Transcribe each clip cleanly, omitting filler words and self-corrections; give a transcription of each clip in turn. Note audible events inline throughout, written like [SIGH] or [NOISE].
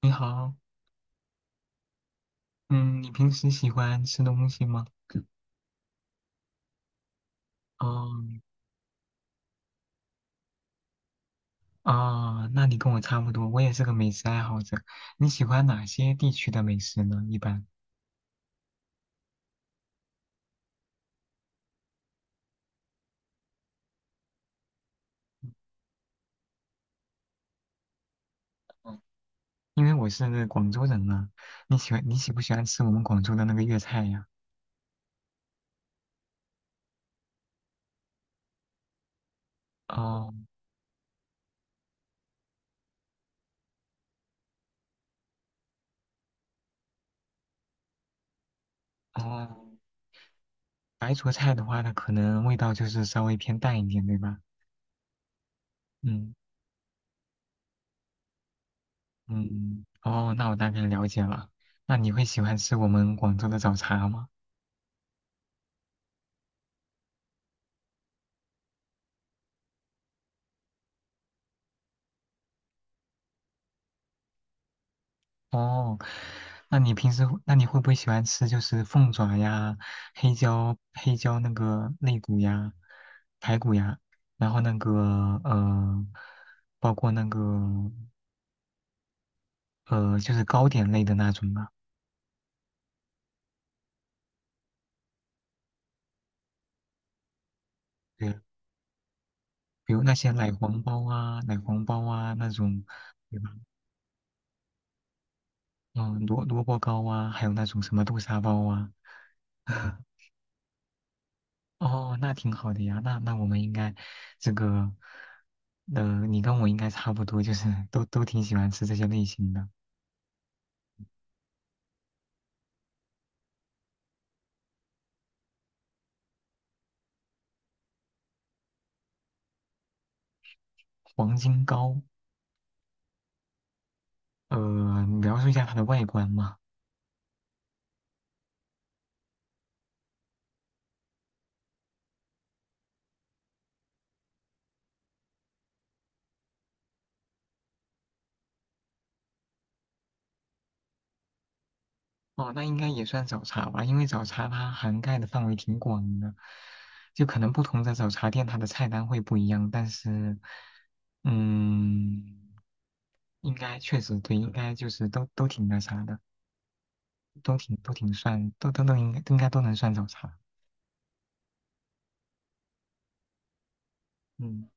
你好，嗯，你平时喜欢吃东西吗？哦，哦，那你跟我差不多，我也是个美食爱好者。你喜欢哪些地区的美食呢？一般，嗯，因为我是广州人嘛。你喜不喜欢吃我们广州的那个粤菜呀？哦哦，白灼菜的话，它可能味道就是稍微偏淡一点，对吧？嗯嗯，哦，那我大概了解了。那你会喜欢吃我们广州的早茶吗？哦，那你平时会那你会不会喜欢吃就是凤爪呀、黑椒、黑椒那个肋骨呀、排骨呀，然后那个包括那个就是糕点类的那种吧？对，比如那些奶黄包啊、那种，对吧？嗯，萝卜糕啊，还有那种什么豆沙包啊。[LAUGHS] 哦，那挺好的呀。那我们应该这个，你跟我应该差不多，就是 [LAUGHS] 都挺喜欢吃这些类型的。黄金糕，你描述一下它的外观嘛。哦，那应该也算早茶吧，因为早茶它涵盖的范围挺广的，就可能不同的早茶店它的菜单会不一样，但是，嗯，应该确实对，应该就是都挺那啥的，都挺算，都都都应该都应该都能算早茶，嗯。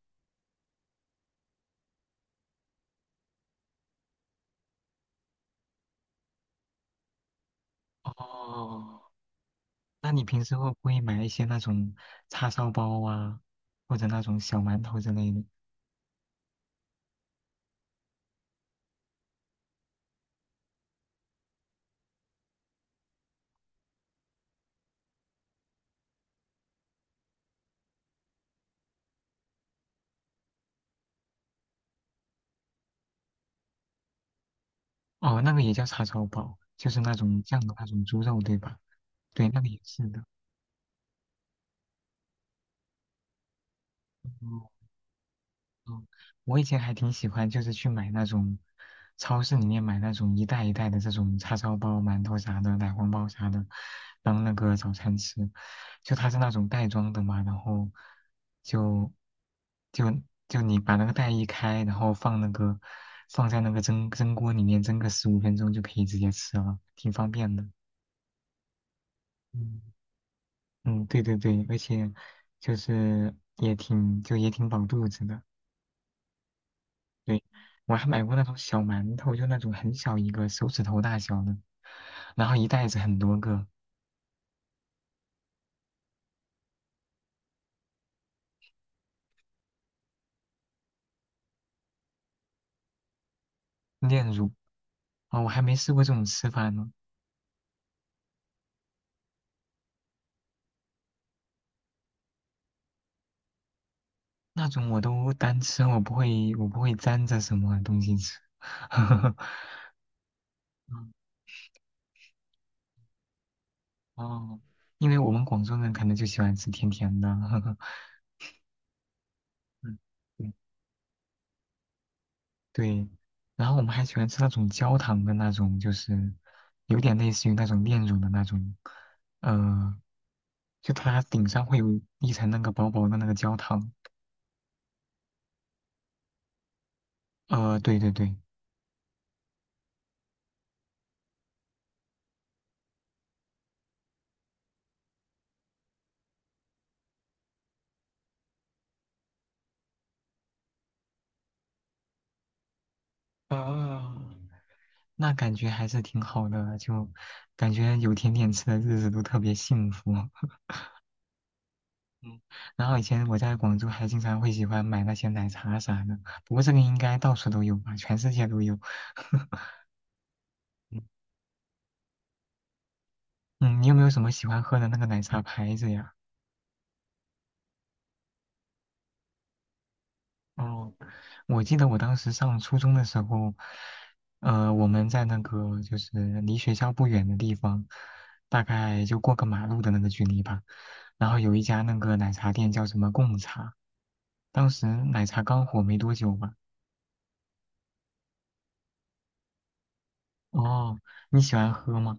哦，那你平时会不会买一些那种叉烧包啊，或者那种小馒头之类的？哦，那个也叫叉烧包，就是那种酱的那种猪肉，对吧？对，那个也是的。哦哦，我以前还挺喜欢，就是去买那种超市里面买那种一袋一袋的这种叉烧包、馒头啥的、奶黄包啥的，当那个早餐吃。就它是那种袋装的嘛，然后就就就你把那个袋一开，然后放在那个蒸锅里面蒸个15分钟就可以直接吃了，挺方便的。嗯，嗯，对对对，而且也挺饱肚子的。对，我还买过那种小馒头，就那种很小一个，手指头大小的，然后一袋子很多个炼乳啊，我还没试过这种吃法呢。那种我都单吃，我不会沾着什么东西吃。[LAUGHS] 嗯哦，因为我们广州人可能就喜欢吃甜甜的。[LAUGHS] 嗯，对对，然后我们还喜欢吃那种焦糖的那种，就是有点类似于那种炼乳的那种，呃，就它顶上会有一层那个薄薄的那个焦糖。对对对，啊，那感觉还是挺好的，就感觉有甜点吃的日子都特别幸福。[LAUGHS] 嗯，然后以前我在广州还经常会喜欢买那些奶茶啥的，不过这个应该到处都有吧，全世界都有。[LAUGHS] 嗯，你有没有什么喜欢喝的那个奶茶牌子呀？哦，我记得我当时上初中的时候，我们在那个就是离学校不远的地方，大概就过个马路的那个距离吧。然后有一家那个奶茶店叫什么贡茶，当时奶茶刚火没多久吧。哦，你喜欢喝吗？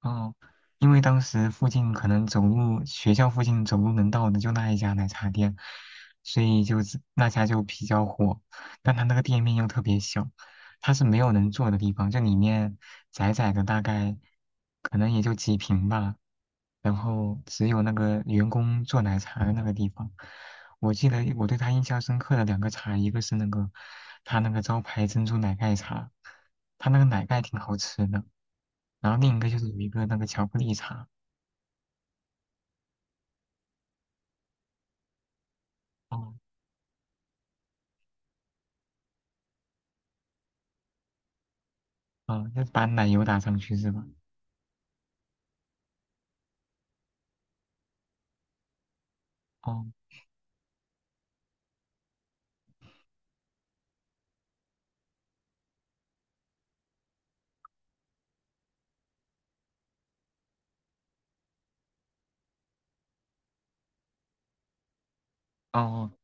哦，因为当时附近可能走路，学校附近走路能到的就那一家奶茶店，所以就是那家就比较火。但它那个店面又特别小，它是没有能坐的地方，就里面窄窄的，大概可能也就几平吧。然后只有那个员工做奶茶的那个地方，我记得我对他印象深刻的两个茶，一个是那个他那个招牌珍珠奶盖茶，他那个奶盖挺好吃的。然后另一个就是有一个那个巧克力茶，哦，哦，要把奶油打上去是吧？哦哦，哦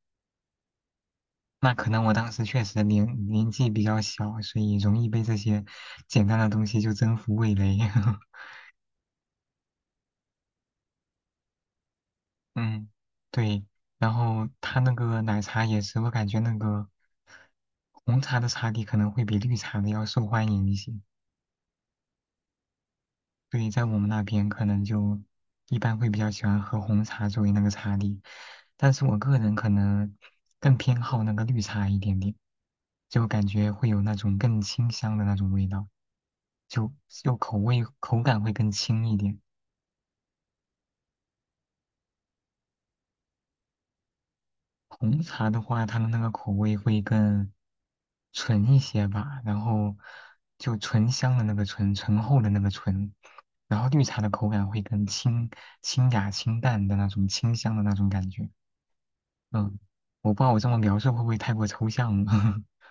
那可能我当时确实年纪比较小，所以容易被这些简单的东西就征服味蕾。[LAUGHS] 嗯，对。然后他那个奶茶也是，我感觉那个红茶的茶底可能会比绿茶的要受欢迎一些。对，在我们那边可能就一般会比较喜欢喝红茶作为那个茶底，但是我个人可能更偏好那个绿茶一点点，就感觉会有那种更清香的那种味道，就口味口感会更轻一点。红茶的话，它的那个口味会更纯一些吧，然后就醇香的那个醇，醇厚的那个醇，然后绿茶的口感会更清雅清淡的那种清香的那种感觉。嗯，我不知道我这么描述会不会太过抽象了。[LAUGHS]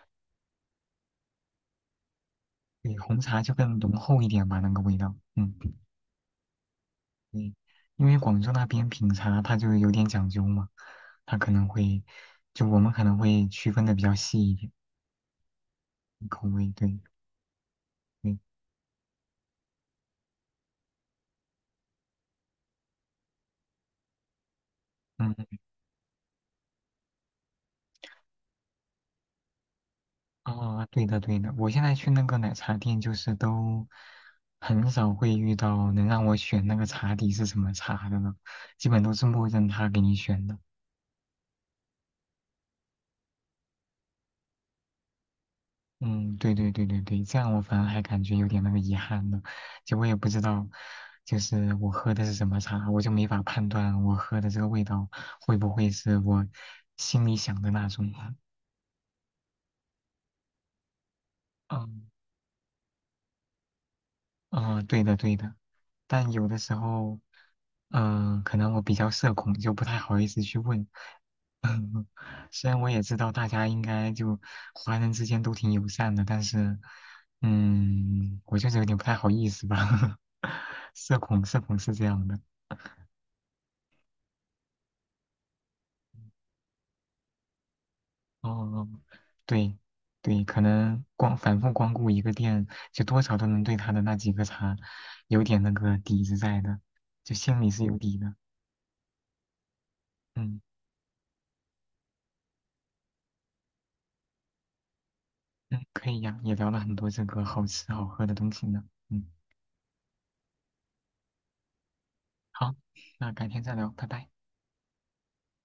对，红茶就更浓厚一点吧，那个味道。嗯，对，因为广州那边品茶它就有点讲究嘛，它可能会，就我们可能会区分的比较细一点，口味。对，对，嗯，哦，对的，对的。我现在去那个奶茶店，就是都很少会遇到能让我选那个茶底是什么茶的了，基本都是默认他给你选的。嗯，对对对对对，这样我反而还感觉有点那个遗憾呢。就我也不知道，就是我喝的是什么茶，我就没法判断我喝的这个味道会不会是我心里想的那种。[LAUGHS] 嗯，嗯、对的对的，但有的时候，嗯、可能我比较社恐，就不太好意思去问。[LAUGHS] 虽然我也知道大家应该就华人之间都挺友善的，但是，嗯，我就是有点不太好意思吧。[LAUGHS] 社恐，社恐是这样的。哦，对，对，可能光反复光顾一个店，就多少都能对他的那几个茶有点那个底子在的，就心里是有底的。嗯。嗯，可以呀，也聊了很多这个好吃好喝的东西呢。嗯，好，那改天再聊，拜拜。